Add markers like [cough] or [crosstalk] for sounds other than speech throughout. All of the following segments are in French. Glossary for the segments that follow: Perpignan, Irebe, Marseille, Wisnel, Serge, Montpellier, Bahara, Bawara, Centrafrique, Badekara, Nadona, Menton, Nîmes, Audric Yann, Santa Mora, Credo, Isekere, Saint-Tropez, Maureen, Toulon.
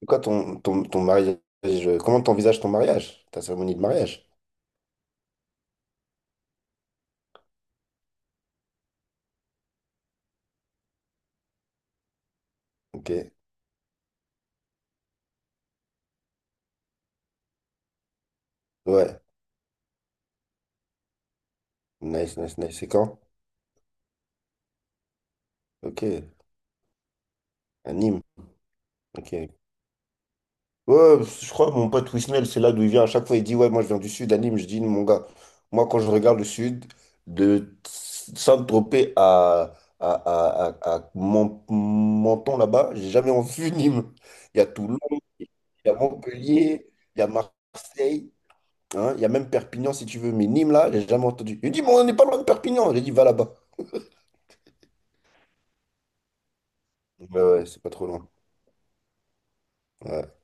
C'est quoi ton mariage? Comment t'envisages ton mariage? Ta cérémonie de mariage? Ok. Ouais. Nice, nice, nice. C'est quand? Ok. À Nîmes. Ok. Ouais, je crois que mon pote Wisnel, c'est là d'où il vient. À chaque fois, il dit, ouais, moi je viens du sud, à Nîmes. Je dis, mon gars, moi quand je regarde le sud, de Saint-Tropez à Menton là-bas, j'ai jamais [laughs] vu Nîmes. Il y a Toulon, il y a Montpellier, il y a Marseille. Hein, il y a même Perpignan si tu veux, mais Nîmes là, j'ai jamais entendu. Il dit, mais on n'est pas loin de Perpignan. J'ai dit, va là-bas. Donc, ouais, ouais, c'est pas trop loin. Ouais.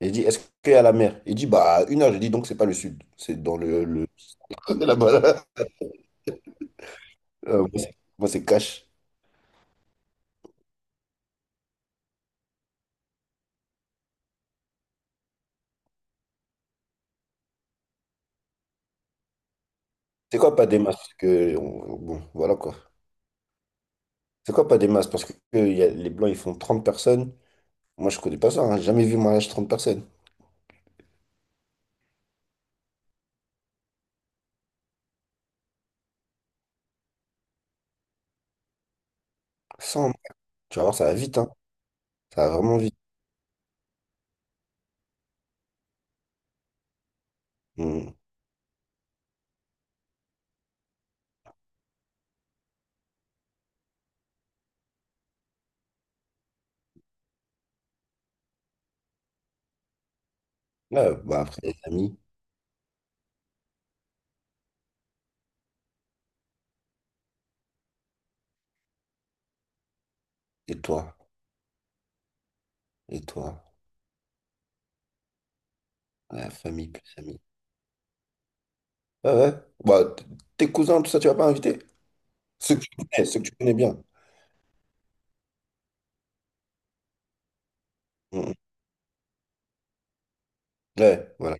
Il dit, est-ce qu'il y a la mer? Il dit, bah, à une heure. J'ai dit, donc c'est pas le sud, c'est dans le... [laughs] là-bas. Là. Moi, c'est moi, c'est cash. C'est quoi pas des masses? Parce que, bon, voilà quoi. C'est quoi pas des masses? Parce que les Blancs, ils font 30 personnes. Moi, je connais pas ça. Hein. J'ai jamais vu un mariage 30 personnes. 100. Tu vas voir, ça va vite. Hein. Ça va vraiment vite. Hmm. Ouais, bah, après, les amis, et toi, et toi, la famille plus amis. Ouais, ouais. Bah, tes cousins, tout ça, tu vas pas inviter? Ceux que tu connais, ceux que tu connais bien. Mm. Ouais, voilà.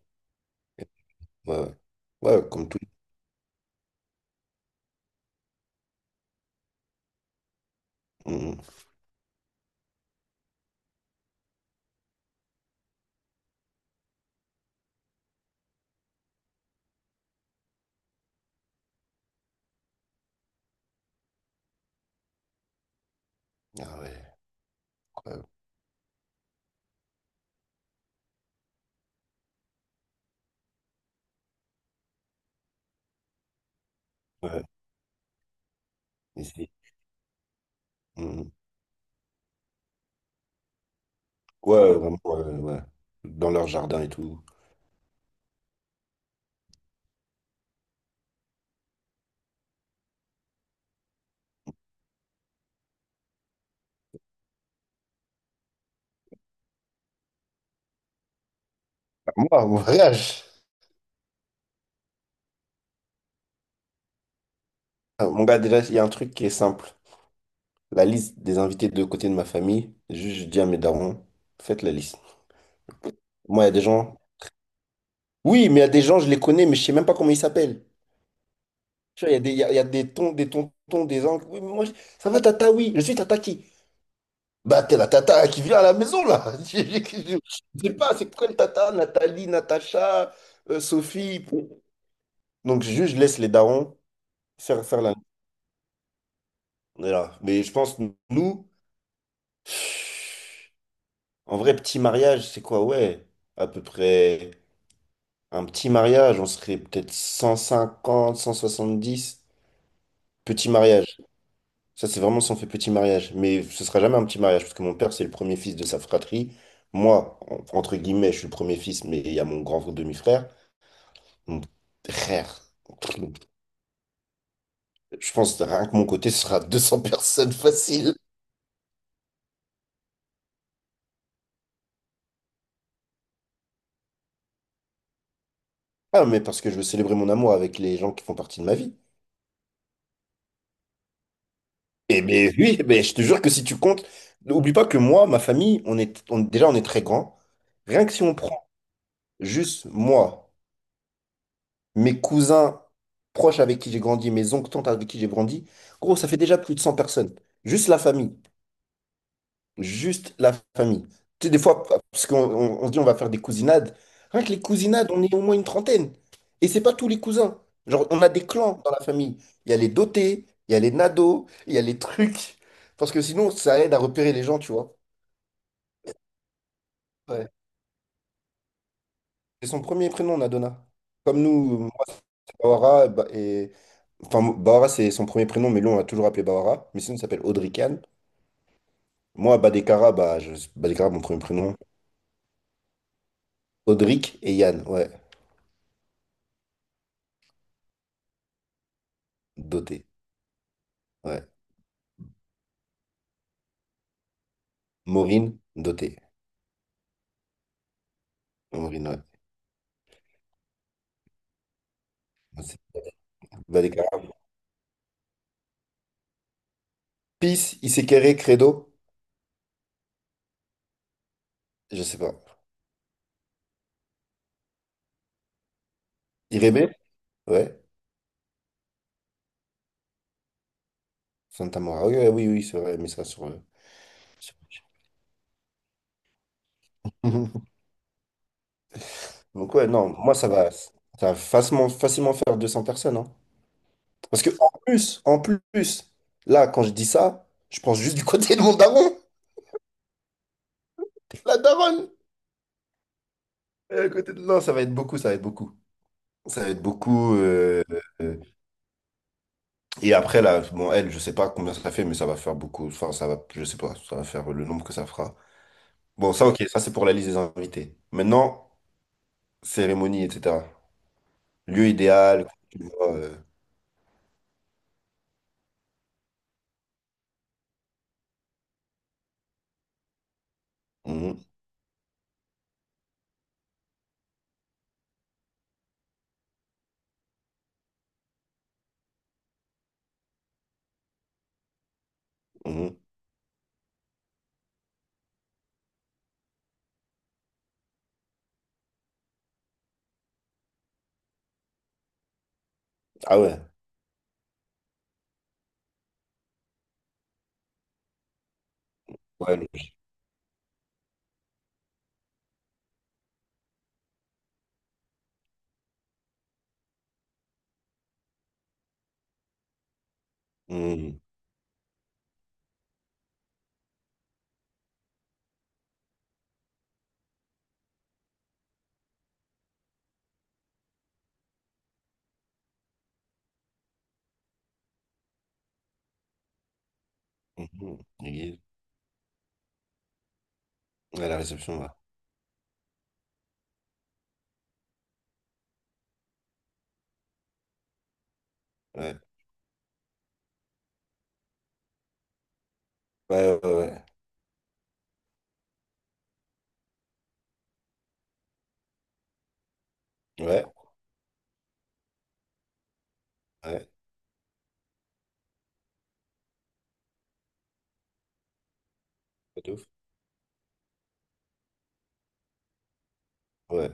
Ouais, ouais. Ouais, comme tout. Mm. Ah ouais, incroyable. Ouais, ici. Mm. Ouais, vraiment, ouais, ouais. Ouais. Dans leur jardin et tout. Ah, moi, mon voyage. Ah, mon gars, déjà, il y a un truc qui est simple. La liste des invités de côté de ma famille, juste je dis à mes darons, faites la liste. Moi, il y a des gens. Oui, mais il y a des gens, je les connais, mais je sais même pas comment ils s'appellent. Tu vois, il y a des tons, des tontons, des oncles. Oui, mais moi, ça va, tata, oui, je suis tata qui? Bah, t'es la tata qui vient à la maison, là. [laughs] Je sais pas, c'est quoi le tata? Nathalie, Natacha, Sophie. Bon. Donc, juste, je laisse les darons faire la. On est là. Mais je pense, nous, en vrai, petit mariage, c'est quoi? Ouais, à peu près un petit mariage, on serait peut-être 100, 150, 70 Petit mariage. Ça, c'est vraiment si on fait petit mariage. Mais ce sera jamais un petit mariage, parce que mon père, c'est le premier fils de sa fratrie. Moi, entre guillemets, je suis le premier fils, mais il y a mon grand demi-frère. Mon frère. Je pense que rien que mon côté, ce sera 200 personnes facile. Ah, mais parce que je veux célébrer mon amour avec les gens qui font partie de ma vie. Eh mais oui, mais je te jure que si tu comptes, n'oublie pas que moi, ma famille, déjà, on est très grand. Rien que si on prend juste moi, mes cousins proches avec qui j'ai grandi, mes oncles, tantes avec qui j'ai grandi, gros, ça fait déjà plus de 100 personnes. Juste la famille. Juste la famille. Tu sais, des fois, parce qu'on on se dit on va faire des cousinades. Rien que les cousinades, on est au moins une trentaine. Et c'est pas tous les cousins. Genre, on a des clans dans la famille. Il y a les dotés, il y a les nados, il y a les trucs. Parce que sinon, ça aide à repérer les gens, tu vois. Ouais. C'est son premier prénom, Nadona. Comme nous, moi, c'est Bawara, et, enfin, Bahara, c'est son premier prénom, mais lui, on l'a toujours appelé Bahara. Mais sinon, il s'appelle Audric Yann. Moi, Badekara, bah, je... Badekara, mon premier prénom. Audric et Yann, ouais. Doté, ouais. Maureen, doté. Maureen, ouais. Moi, c'est Badekara. Peace, Isekere, Credo, je sais pas. Irebe, ouais. Santa Mora, oui, oui, oui, c'est vrai, mais ça sur- [laughs] Donc, ouais, non, moi, ça va. Ça va facilement, facilement faire 200 personnes, hein. Parce que, en plus, là, quand je dis ça, je pense juste du côté de mon daron. La daronne! Non, ça va être beaucoup, ça va être beaucoup. Ça va être beaucoup. Euh, Et après, là, bon, elle, je sais pas combien ça fait, mais ça va faire beaucoup. Enfin, ça va, je sais pas, ça va faire le nombre que ça fera. Bon, ça, ok, ça, c'est pour la liste des invités. Maintenant, cérémonie, etc. Lieu idéal, tu vois. Mhm, mhm. Ah ouais, ouais, mhm, mhm. L'église. Ouais, la réception, là. Ouais, ouais, ouais, ouais, ouais, ouais, ouais, pas de ouf. Ouais.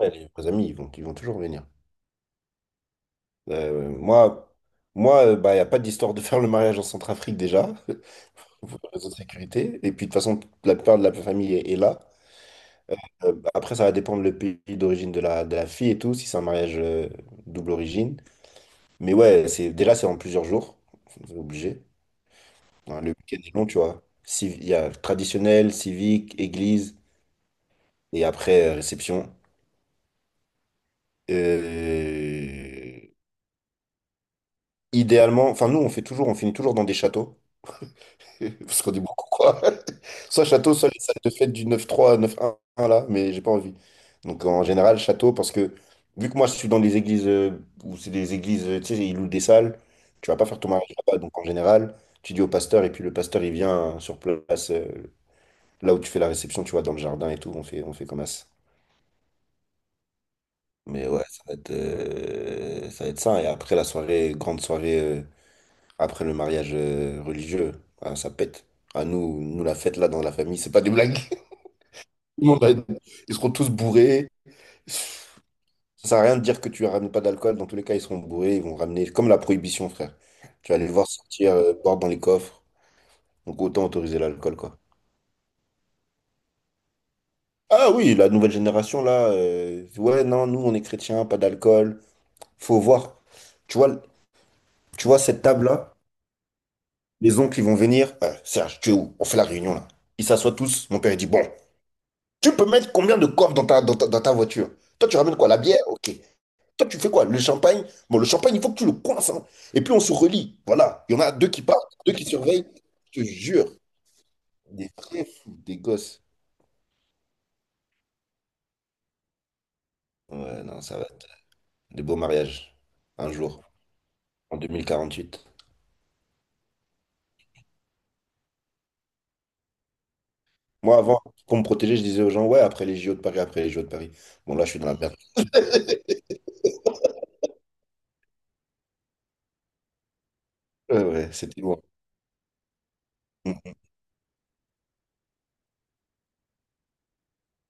Ouais, les vrais amis, ils vont toujours venir. Euh, moi, moi, bah, il n'y a pas d'histoire de faire le mariage en Centrafrique déjà, [laughs] pour des raisons de sécurité. Et puis, de toute façon, la plupart de la famille est là. Bah, après, ça va dépendre le pays d'origine de la fille et tout, si c'est un mariage double origine. Mais ouais, c'est, déjà, c'est en plusieurs jours. C'est obligé. Hein, le week-end est long, tu vois. Il y a traditionnel, civique, église, et après, réception. Euh, idéalement, enfin, nous, on fait toujours, on finit toujours dans des châteaux. [laughs] Parce qu'on est beaucoup, quoi. [laughs] Soit château, soit les salles de fête du 9-3 à 9-1, là, mais j'ai pas envie. Donc en général, château, parce que vu que moi je suis dans des églises où c'est des églises, tu sais, ils louent des salles, tu vas pas faire ton mariage là-bas. Donc en général, tu dis au pasteur, et puis le pasteur il vient sur place, là où tu fais la réception, tu vois, dans le jardin et tout, on fait comme ça. Mais ouais, ça va être ça. Et après la soirée, grande soirée, après le mariage religieux, ah, ça pète. Ah, nous, nous, la fête là dans la famille, c'est pas des blagues. Tout le monde va être- Ils seront tous bourrés. Ça sert à rien de dire que tu ramènes pas d'alcool. Dans tous les cas, ils seront bourrés. Ils vont ramener comme la prohibition, frère. Tu vas les voir sortir, boire dans les coffres. Donc autant autoriser l'alcool, quoi. Ah oui, la nouvelle génération, là. Ouais, non, nous, on est chrétiens, pas d'alcool. Faut voir. Tu vois, tu vois cette table-là? Les oncles, ils vont venir. Serge, tu es où? On fait la réunion, là. Ils s'assoient tous. Mon père, il dit, bon, tu peux mettre combien de coffres dans ta voiture? Toi, tu ramènes quoi? La bière? Ok. Toi, tu fais quoi? Le champagne? Bon, le champagne, il faut que tu le coinces. Hein. Et puis, on se relie. Voilà. Il y en a deux qui partent, deux qui surveillent. Je te jure. Des vrais fous, des gosses. Ouais, non, ça va être des beaux mariages. Un jour, en 2048. Moi, avant, pour me protéger, je disais aux gens, ouais, après les JO de Paris, après les JO de Paris. Bon, là, je suis dans la merde. Ouais, ouais, c'était loin.